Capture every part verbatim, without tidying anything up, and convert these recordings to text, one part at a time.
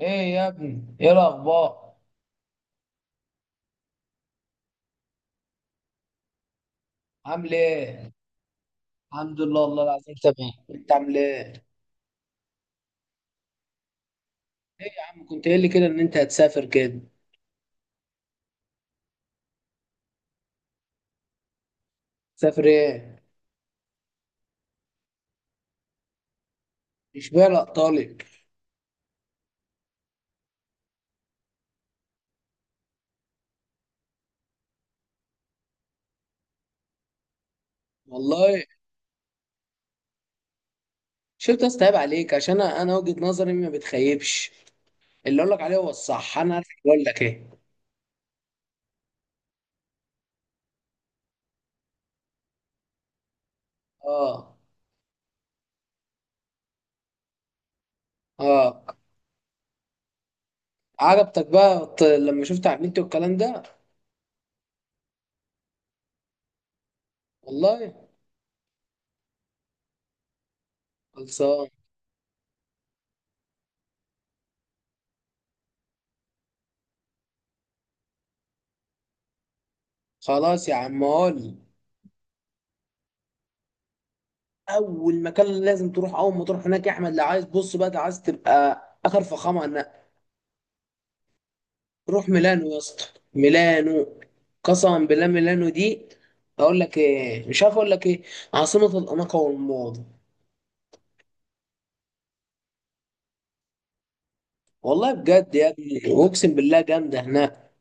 ايه يا ابني، ايه الاخبار؟ عامل ايه؟ الحمد لله، والله العظيم تمام. انت عامل ايه؟ ايه يا عم، كنت قايل لي كده ان انت هتسافر كده. تسافر ايه؟ مش بالك طالب؟ والله. شفت استهاب عليك، عشان انا أنا وجهة نظري ما بتخيبش. اللي اقول لك عليه هو الصح، انا عارف بقول لك ايه. اه. اه. عجبتك بقى الط- لما شفت على النت والكلام ده؟ والله. خلصان. خلاص يا عم، قول. اول مكان لازم تروح، اول ما تروح هناك يا احمد لو عايز، بص بقى، لو عايز تبقى اخر فخامه، انا روح ميلانو يا اسطى. ميلانو. قسما بالله ميلانو دي، اقول لك ايه مش عارف اقول لك ايه. عاصمه الاناقه والموضه. والله بجد يا ابني، اقسم بالله جامده هناك.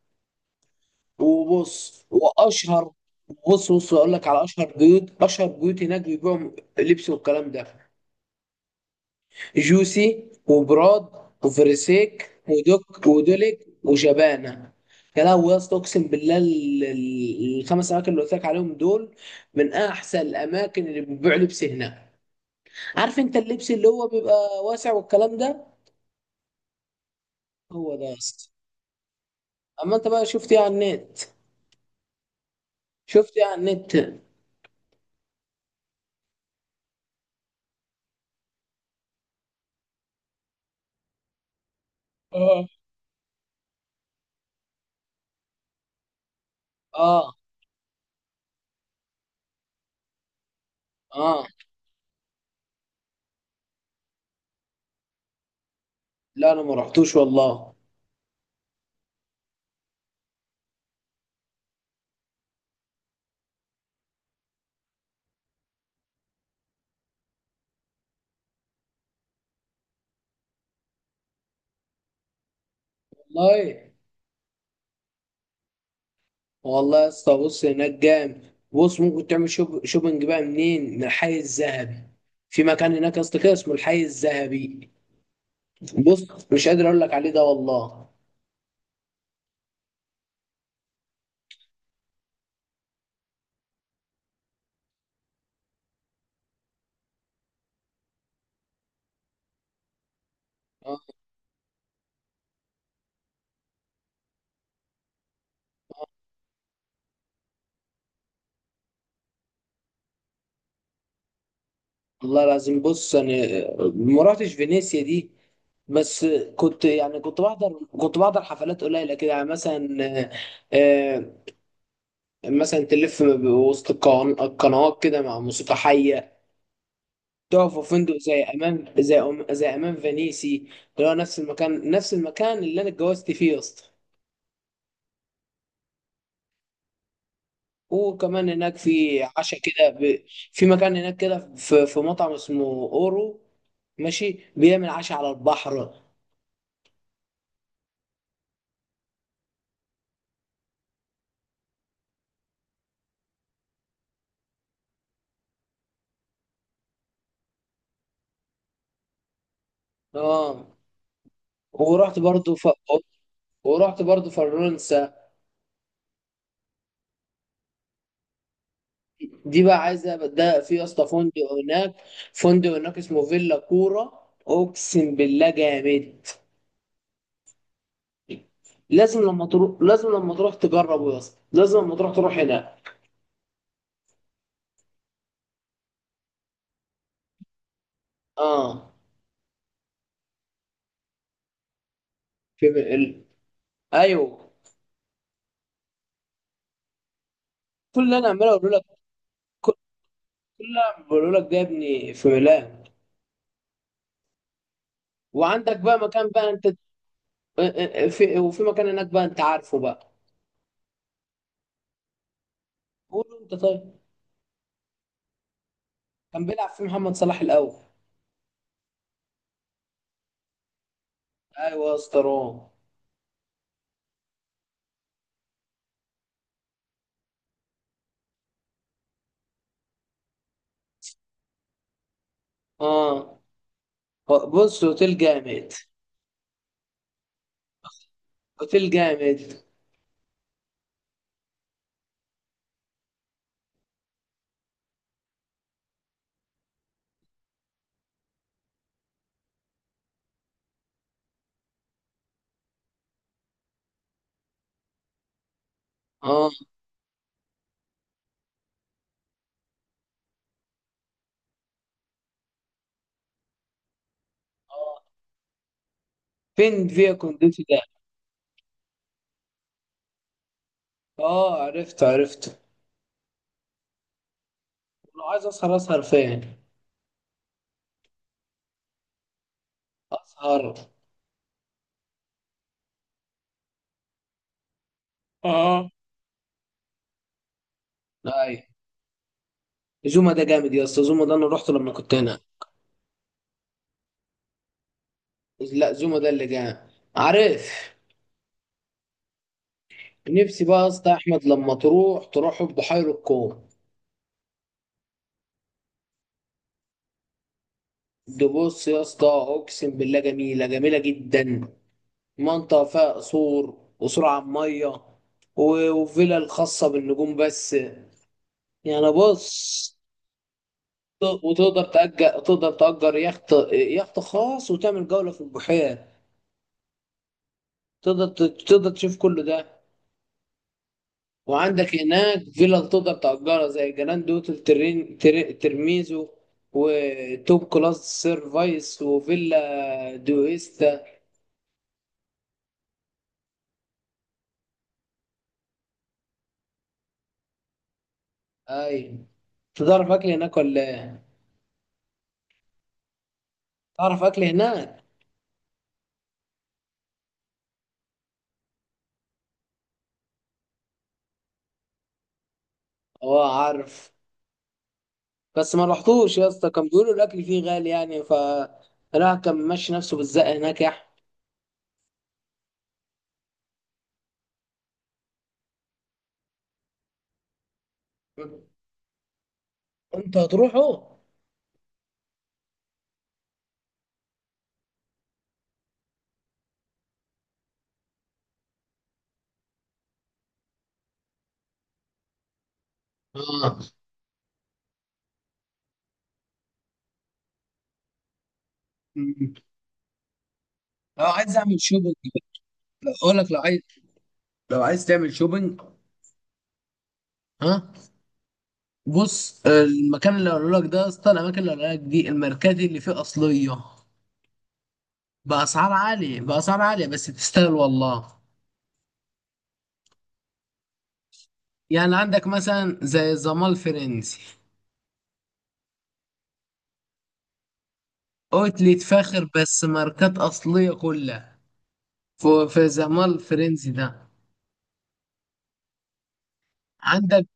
وبص واشهر. بص بص اقول لك على اشهر بيوت اشهر بيوت هناك بيبيعوا لبس والكلام ده. جوسي وبراد وفريسيك ودوك ودوليك وشبانه. يا لهوي يا اسطى، اقسم بالله ال- ال- الخمس اماكن اللي قلت لك عليهم دول من احسن الاماكن اللي بتبيع لبس هناك. عارف انت اللبس اللي هو بيبقى واسع والكلام ده؟ هو ده يا اسطى. اما انت بقى شفت ايه على النت؟ شفت ايه على النت، ايه؟ اه. اه. لا انا ما رحتوش والله. والله. والله يا اسطى بص هناك جامد. بص ممكن تعمل شوب شوبنج بقى منين؟ من الحي الذهبي. في مكان هناك يا اسطى كده اسمه الحي الذهبي. بص مش قادر اقول لك عليه ده والله. آه، والله لازم. بص انا ما رحتش فينيسيا دي، بس كنت يعني كنت بحضر كنت بحضر حفلات قليله كده يعني مثلا، آه، آه، مثلا تلف وسط القن- القنوات كده مع موسيقى حيه. تقف في فندق زي امام زي أم... زي امام فينيسي، اللي هو نفس المكان نفس المكان اللي انا اتجوزت فيه يا اسطى. وكمان هناك في عشاء كده ب... في مكان هناك كده، في... في مطعم اسمه اورو، ماشي بيعمل عشاء على البحر. اه. ورحت برضو ف... ورحت برضو فرنسا. دي بقى عايزه، ده في يا اسطى فندق هناك، فندق هناك اسمه فيلا كوره. اقسم بالله جامد. لازم لما تروح لازم لما تروح تجربه يا اسطى، لازم لما تروح تروح هنا. اه. في ال... ايوه، كل اللي انا عمال اقول لك، كل كل اللي انا بقول لك ده يا ابني في ميلان. وعندك بقى مكان بقى انت، اه، اه، آه، في وفي مكان هناك بقى انت عارفه بقى. قول له انت طيب. كان بيلعب في محمد صلاح الاول. ايوه يا اسطى روم. اه. بص اوتيل جامد. اوتيل جامد. اه. اه. فين فيا كونديتي ده؟ اه، عرفت عرفت. لو عايز اسهر، اسهر فين؟ اسهر. اه. اي. زوما ده جامد يا اسطى، زوما ده انا رحت لما كنت هنا. لا زوما ده اللي جامد. عارف. نفسي بقى يا اسطى احمد لما تروح، تروح بحيرة الكون. ده بص يا اسطى اقسم بالله جميله جميله جدا. منطقه فيها قصور قصور على الميه، و- وفيلا الخاصه بالنجوم بس. يعني بص، ت- وتقدر تأجر، تقدر تأجر يخت يخت خاص، وتعمل جوله في البحيره. تقدر ت- تقدر تشوف كل ده. وعندك هناك فيلا تقدر تأجرها زي جراند اوتيل ترين تر- ترميزو، وتوب كلاس سيرفايس وفيلا دويستا. اي. تعرف اكل هناك ولا ايه؟ تعرف اكل هناك. اه عارف. بس ما رحتوش يا اسطى، كان بيقولوا الاكل فيه غالي يعني ف راح كان ماشي نفسه بالزق هناك يا احمد. انت هتروحه. اه. لو عايز اعمل شوبينج، اقول لك، لو عايز لو عايز تعمل شوبينج. ها. بص المكان اللي هقوله لك ده يا اسطى، الاماكن اللي هقولها لك دي الماركات اللي فيه اصليه، باسعار عاليه، باسعار عاليه بس تستاهل والله. يعني عندك مثلا زي الزمال الفرنسي، اوتليت فاخر بس ماركات اصليه كلها. في في الزمال الفرنسي ده. عندك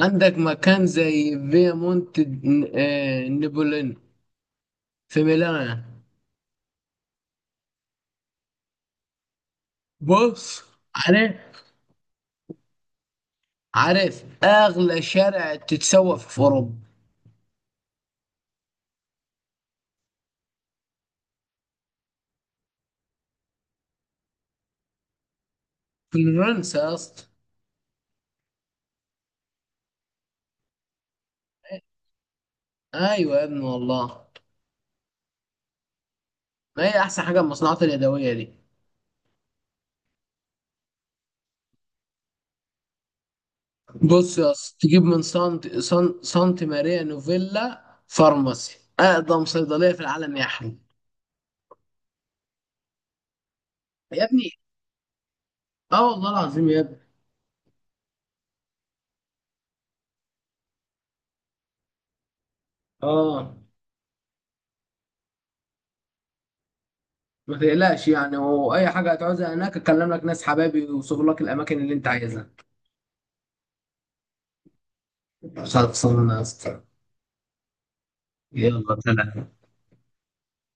عندك مكان زي فيا مونت ن- آه، نابولين في ميلان. بص. عارف، عارف اغلى شارع تتسوق في اوروبا؟ في فرنسا يا اسطى. ايوه يا ابني والله. ما هي احسن حاجه المصنوعات اليدويه دي. بص يا اسطى تجيب من سانت سان... سانت ماريا نوفيلا فارماسي، اقدم صيدليه في العالم يا احمد. يا ابني، اه والله العظيم يا ابني. اه. ما تقلقش يعني، واي حاجه هتعوزها هناك اكلم لك ناس حبايبي يوصفوا لك الاماكن اللي انت عايزها. خلصانه يا اسطى. يلا سلام.